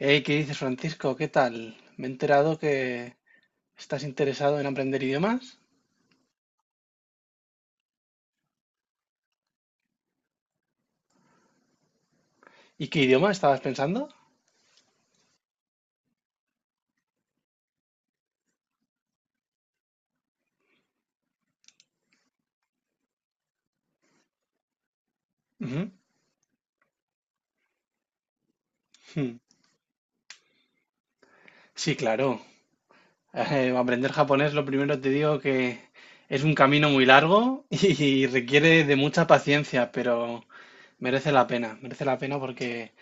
Hey, ¿qué dices, Francisco? ¿Qué tal? Me he enterado que estás interesado en aprender idiomas. ¿Y qué idioma estabas pensando? Ujú. Hmm. Sí, claro. Aprender japonés, lo primero te digo que es un camino muy largo y requiere de mucha paciencia, pero merece la pena. Merece la pena porque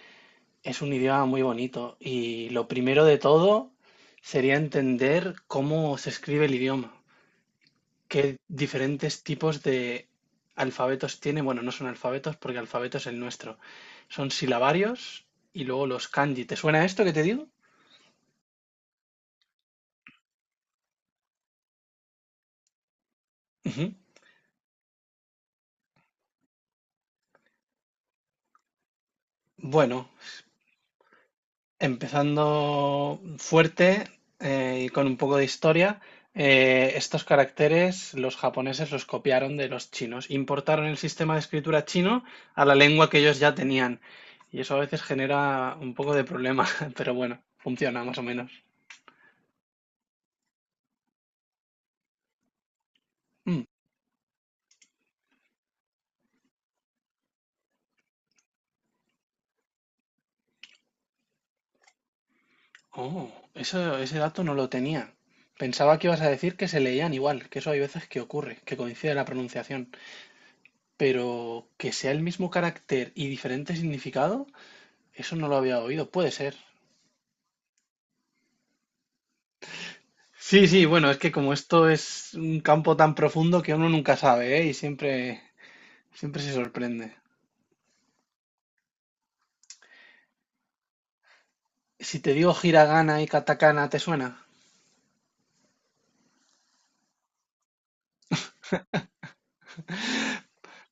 es un idioma muy bonito. Y lo primero de todo sería entender cómo se escribe el idioma, qué diferentes tipos de alfabetos tiene. Bueno, no son alfabetos porque alfabeto es el nuestro. Son silabarios y luego los kanji. ¿Te suena esto que te digo? Ujú. Bueno, empezando fuerte, y con un poco de historia, estos caracteres los japoneses los copiaron de los chinos. Importaron el sistema de escritura chino a la lengua que ellos ya tenían. Y eso a veces genera un poco de problema, pero bueno, funciona más o menos. Mm. Oh, eso, ese dato no lo tenía. Pensaba que ibas a decir que se leían igual, que eso hay veces que ocurre, que coincide la pronunciación, pero que sea el mismo carácter y diferente significado, eso no lo había oído, puede ser. Sí, sí, bueno, es que como esto es un campo tan profundo que uno nunca sabe, ¿eh? Y siempre, siempre se sorprende. Si te digo hiragana y katakana, ¿te suena?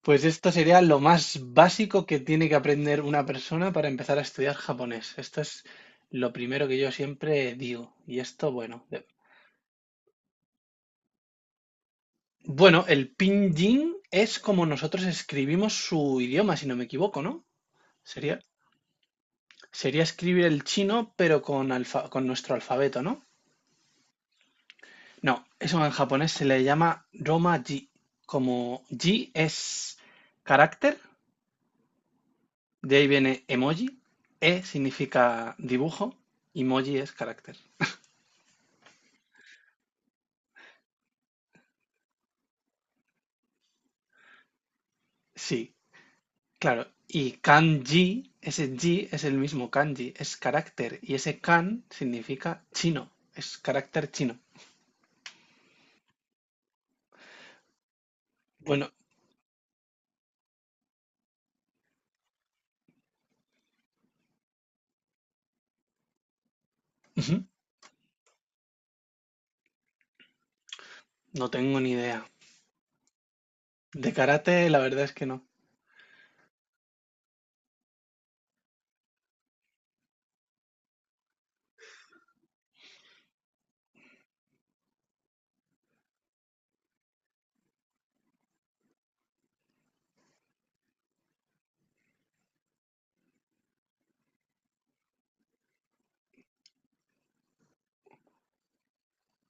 Pues esto sería lo más básico que tiene que aprender una persona para empezar a estudiar japonés. Esto es lo primero que yo siempre digo. Y esto, bueno, de- bueno, el pinyin es como nosotros escribimos su idioma, si no me equivoco, ¿no? Sería, sería escribir el chino, pero con alfa- con nuestro alfabeto, ¿no? No, eso en japonés se le llama Roma-ji. Como ji es carácter, de ahí viene emoji, e significa dibujo, y moji es carácter. Sí, claro. Y kanji, ese ji es el mismo kanji, es carácter. Y ese kan significa chino, es carácter chino. Bueno, ujú, no tengo ni idea. De karate, la verdad es que no.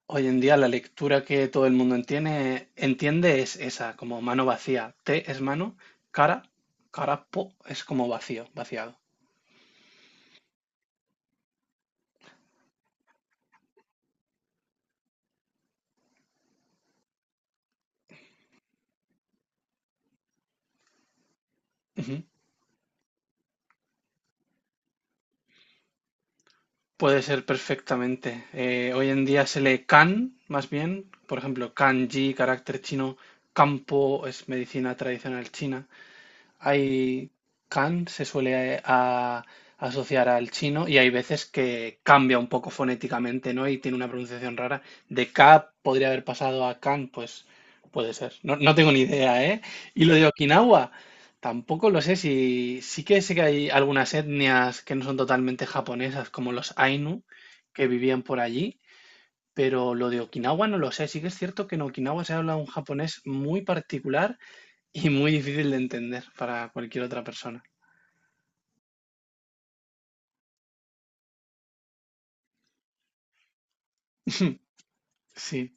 Hoy en día la lectura que todo el mundo entiende, entiende es esa, como mano vacía. Te es mano, cara, cara po es como vacío, vaciado. Puede ser perfectamente. Hoy en día se lee kan, más bien. Por ejemplo, kanji, carácter chino. Campo es medicina tradicional china. Hay kan se suele asociar al chino y hay veces que cambia un poco fonéticamente, ¿no? Y tiene una pronunciación rara. De ka podría haber pasado a kan, pues puede ser. No, no tengo ni idea, ¿eh? Y lo de Okinawa, tampoco lo sé, si sí que sé que hay algunas etnias que no son totalmente japonesas, como los Ainu, que vivían por allí. Pero lo de Okinawa no lo sé. Sí que es cierto que en Okinawa se habla un japonés muy particular y muy difícil de entender para cualquier otra persona. Sí,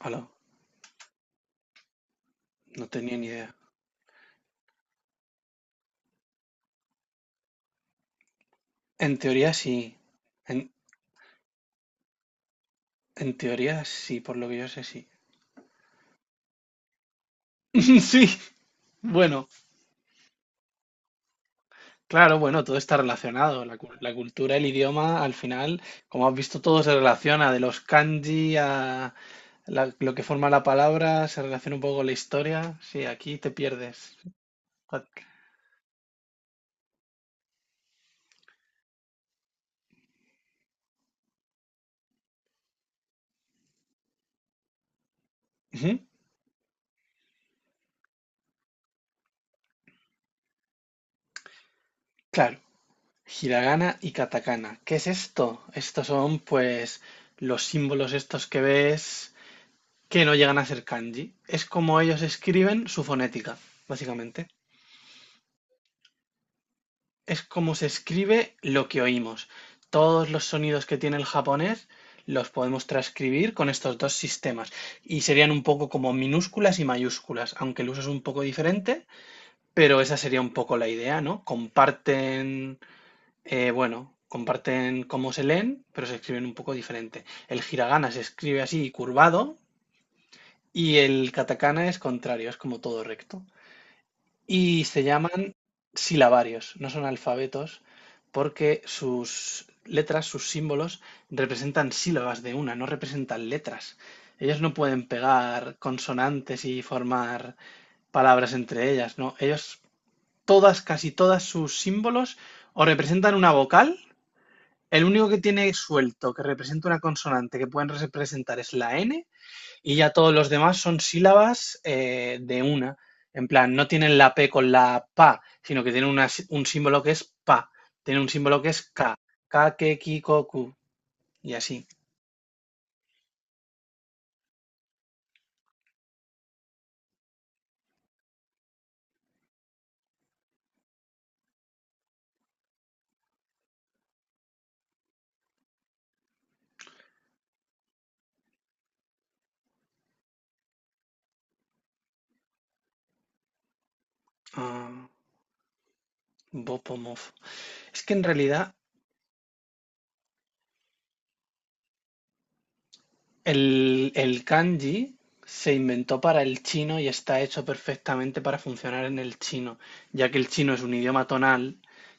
hola, no tenía ni idea. En teoría sí. En, en teoría sí, por lo que yo sé, sí. Sí, bueno, claro, bueno, todo está relacionado. La, cu- la cultura, el idioma, al final, como has visto, todo se relaciona. De los kanji a la- lo que forma la palabra, se relaciona un poco con la historia. Sí, aquí te pierdes. Ujú, claro. Hiragana y katakana. ¿Qué es esto? Estos son, pues, los símbolos estos que ves que no llegan a ser kanji. Es como ellos escriben su fonética, básicamente. Es como se escribe lo que oímos. Todos los sonidos que tiene el japonés los podemos transcribir con estos dos sistemas. Y serían un poco como minúsculas y mayúsculas, aunque el uso es un poco diferente, pero esa sería un poco la idea, ¿no? Comparten, bueno, comparten cómo se leen, pero se escriben un poco diferente. El hiragana se escribe así, curvado, y el katakana es contrario, es como todo recto. Y se llaman silabarios, no son alfabetos, porque sus letras, sus símbolos, representan sílabas de una, no representan letras. Ellos no pueden pegar consonantes y formar palabras entre ellas, ¿no? Ellos, todas, casi todas sus símbolos, o representan una vocal, el único que tiene suelto que representa una consonante que pueden representar es la N y ya todos los demás son sílabas de una. En plan, no tienen la P con la PA, sino que tienen una sí- un símbolo que es PA, tienen un símbolo que es K, K, K, k, Ki, k, Ku, y así. Ah, Bopomov. Es que en realidad el kanji se inventó para el chino y está hecho perfectamente para funcionar en el chino, ya que el chino es un idioma tonal.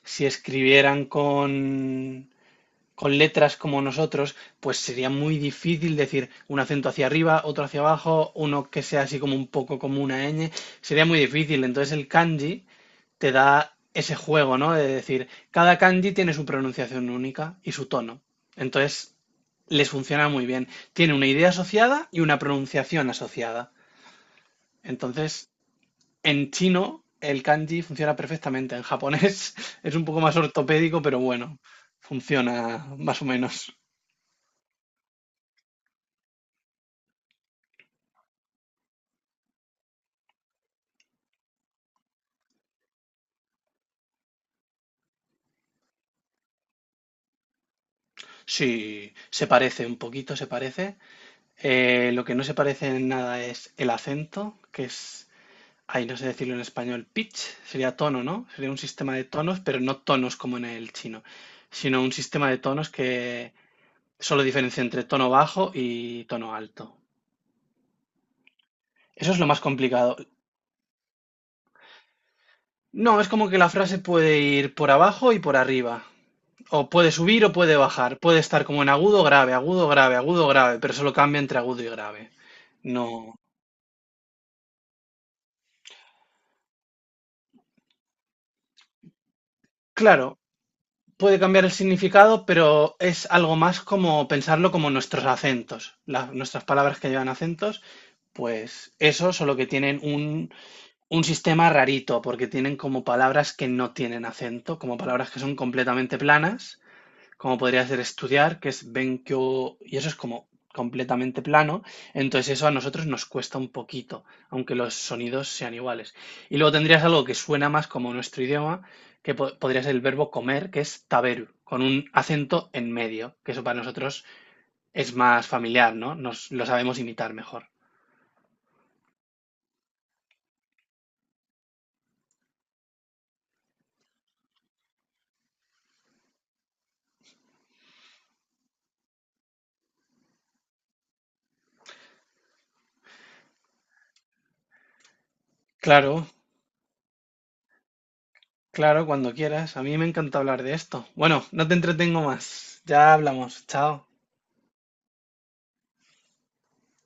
Si escribieran con letras como nosotros, pues sería muy difícil decir un acento hacia arriba, otro hacia abajo, uno que sea así como un poco como una ñ. Sería muy difícil. Entonces el kanji te da ese juego, ¿no? De decir, cada kanji tiene su pronunciación única y su tono. Entonces, les funciona muy bien. Tiene una idea asociada y una pronunciación asociada. Entonces, en chino, el kanji funciona perfectamente. En japonés es un poco más ortopédico, pero bueno, funciona más o menos. Sí, se parece un poquito, se parece. Lo que no se parece en nada es el acento, que es, ay, no sé decirlo en español. Pitch sería tono, ¿no? Sería un sistema de tonos, pero no tonos como en el chino, sino un sistema de tonos que solo diferencia entre tono bajo y tono alto. Eso es lo más complicado. No, es como que la frase puede ir por abajo y por arriba. O puede subir o puede bajar. Puede estar como en agudo, grave, agudo, grave, agudo, grave, pero solo cambia entre agudo y grave. No. Claro, puede cambiar el significado, pero es algo más como pensarlo como nuestros acentos. La- nuestras palabras que llevan acentos, pues eso, solo que tienen un sistema rarito, porque tienen como palabras que no tienen acento, como palabras que son completamente planas como podría ser estudiar, que es Benkyo, y eso es como completamente plano, entonces eso a nosotros nos cuesta un poquito, aunque los sonidos sean iguales. Y luego tendrías algo que suena más como nuestro idioma, que po- podría ser el verbo comer, que es taberu, con un acento en medio, que eso para nosotros es más familiar, ¿no? Nos lo sabemos imitar mejor. Claro, claro, cuando quieras. A mí me encanta hablar de esto. Bueno, no te entretengo más. Ya hablamos. Chao.